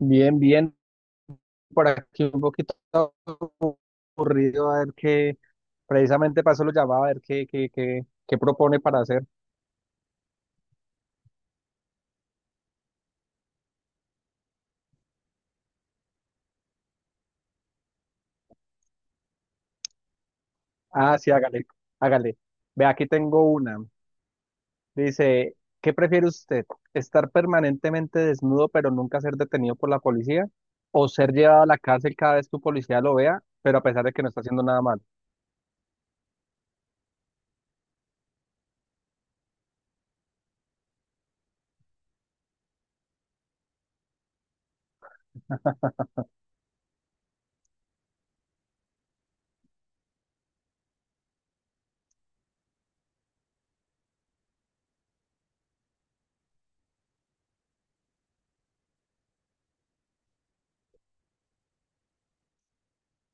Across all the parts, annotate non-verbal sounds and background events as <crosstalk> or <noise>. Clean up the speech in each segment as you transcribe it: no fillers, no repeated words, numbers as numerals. Bien, bien, por aquí un poquito aburrido, a ver qué, precisamente para eso lo llamaba, a ver qué propone para hacer. Ah, sí, hágale, hágale. Ve, aquí tengo una. Dice, ¿qué prefiere usted? ¿Estar permanentemente desnudo pero nunca ser detenido por la policía? ¿O ser llevado a la cárcel cada vez que un policía lo vea, pero a pesar de que no está haciendo nada malo?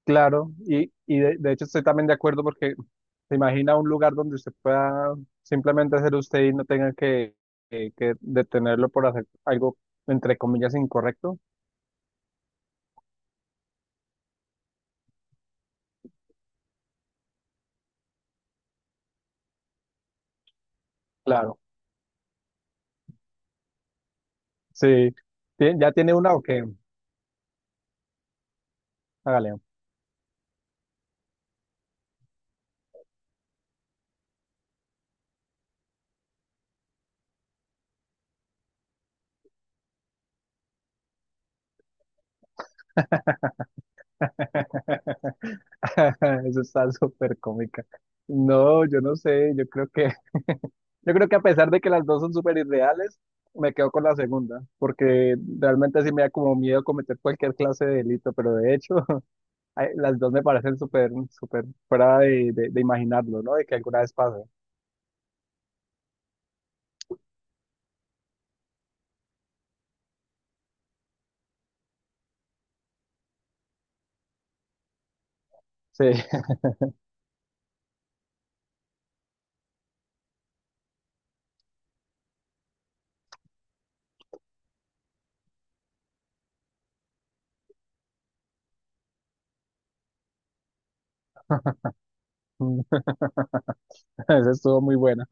Claro, y de hecho estoy también de acuerdo porque se imagina un lugar donde usted pueda simplemente ser usted y no tenga que detenerlo por hacer algo, entre comillas, incorrecto. Claro, sí. ¿Ya tiene una o qué? Hágale. <laughs> Eso está súper cómica. No, yo no sé, yo creo que, <laughs> yo creo que a pesar de que las dos son súper irreales, me quedo con la segunda, porque realmente sí me da como miedo cometer cualquier clase de delito, pero de hecho... Ay, las dos me parecen súper, súper fuera de imaginarlo, ¿no? De que alguna vez pase. Sí, <laughs> esa estuvo muy buena.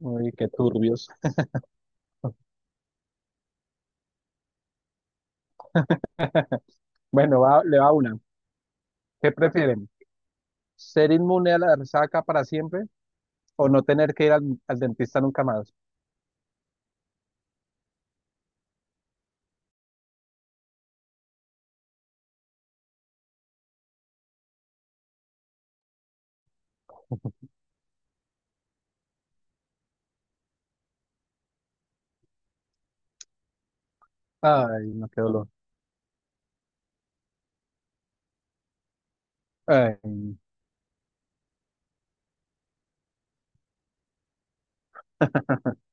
Uy, qué turbios. <laughs> Bueno, le va una. ¿Qué prefieren? ¿Ser inmune a la resaca para siempre o no tener que ir al, al dentista nunca más? Ay, no, qué dolor. Ay, <laughs>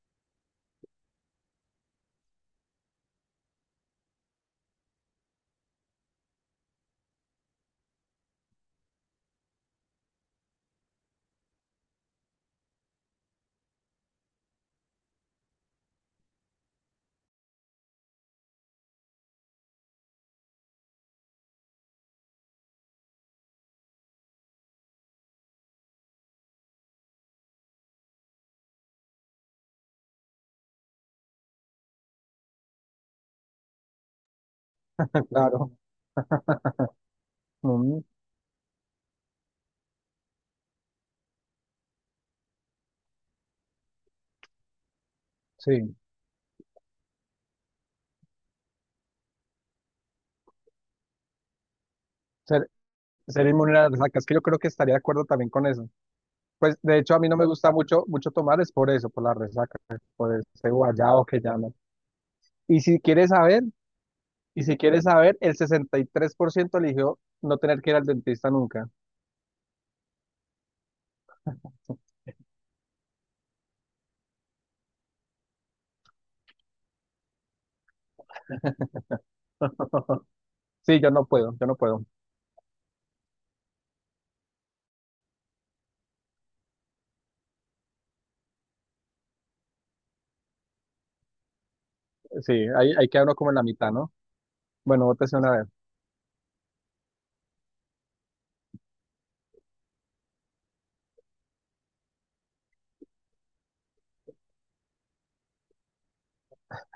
claro. Mm, sí, ser, ser inmune a la resaca. Es que yo creo que estaría de acuerdo también con eso. Pues de hecho a mí no me gusta mucho, mucho tomar, es por eso, por la resaca, por ese guayabo que llaman. Y si quieres saber, y si quieres saber, el 63% eligió no tener que ir al dentista nunca. <laughs> Sí, yo no puedo. Sí, ahí queda uno como en la mitad, ¿no? Bueno, vótese una vez.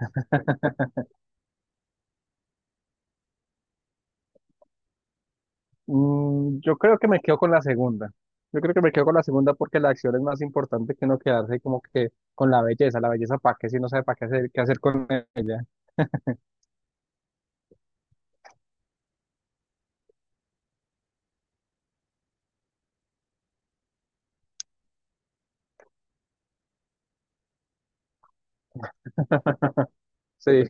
<laughs> Mm, yo creo que me quedo con la segunda. Yo creo que me quedo con la segunda porque la acción es más importante que no quedarse como que con la belleza. La belleza, ¿para qué? Si no sabe para qué hacer con ella. <laughs> Sí,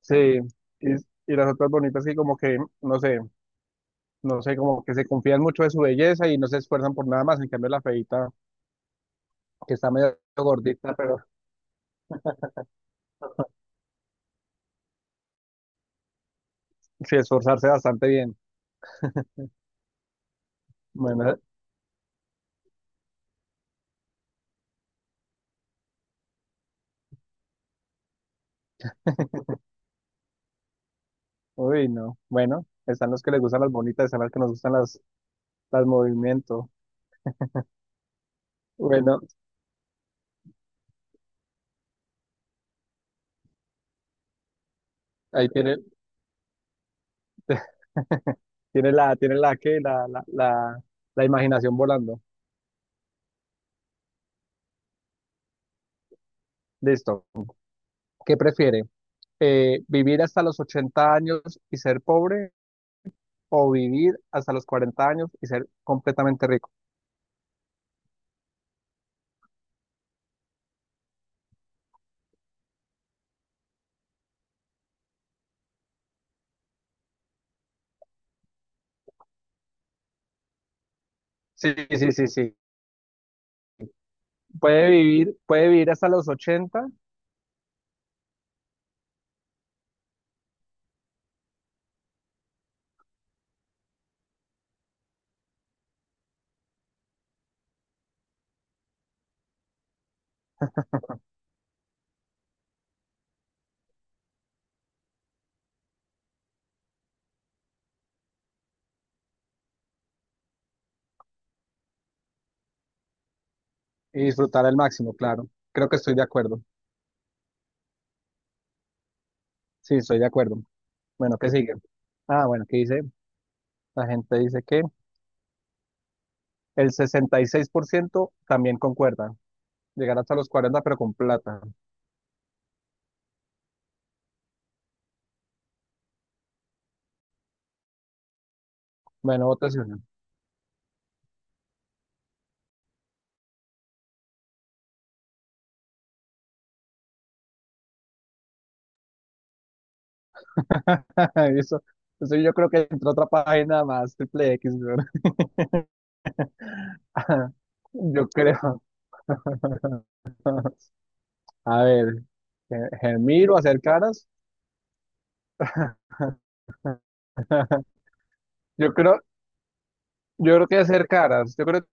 sí. Y, y las otras bonitas que como que, no sé, como que se confían mucho de su belleza y no se esfuerzan por nada más. En cambio, la feita, que está medio gordita, pero sí esforzarse bastante bien. Bueno, uy, no. Bueno, están los que les gustan las bonitas, están las que nos gustan las movimientos. Bueno, ahí tiene, tiene la que, la imaginación volando. Listo. ¿Qué prefiere? ¿Vivir hasta los 80 años y ser pobre o vivir hasta los 40 años y ser completamente rico? Sí, sí, sí, sí. Puede vivir hasta los 80 y disfrutar al máximo, claro. Creo que estoy de acuerdo. Sí, estoy de acuerdo. Bueno, ¿qué sigue? Ah, bueno, ¿qué dice? La gente dice que el 66% también concuerda. Llegar hasta los 40 pero con plata. Bueno, votación. <laughs> Eso, eso yo creo que entró otra página más, triple X, weón. <laughs> Yo creo. <laughs> A ver, gemir o hacer caras. <laughs> Yo creo, yo creo que hacer caras. Yo creo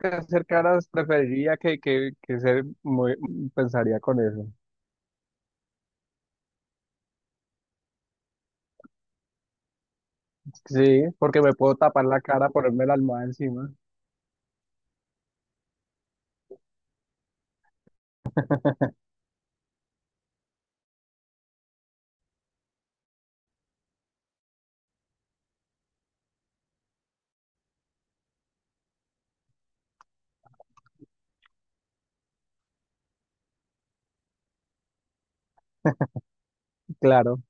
hacer caras preferiría que ser muy, pensaría con eso. Sí, porque me puedo tapar la cara, ponerme la almohada encima. Claro,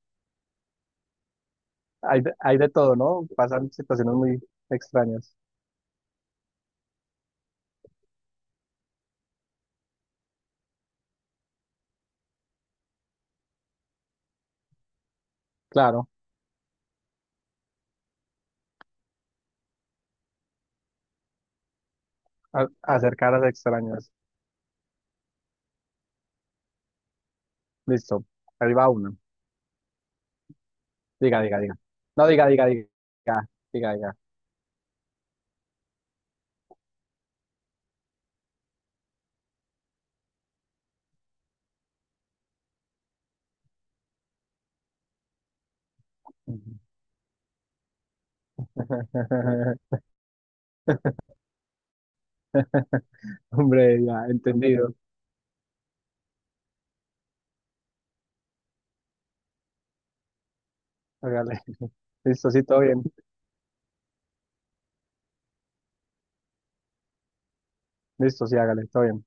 hay de todo, ¿no? Pasan situaciones muy extrañas. Claro, hacer caras extrañas. Listo, ahí va una. Diga, diga, diga. No, diga, diga, diga. Diga, diga. <laughs> Hombre, ya, entendido. Hágale. Listo, sí, todo bien. Listo, sí, hágale, todo bien.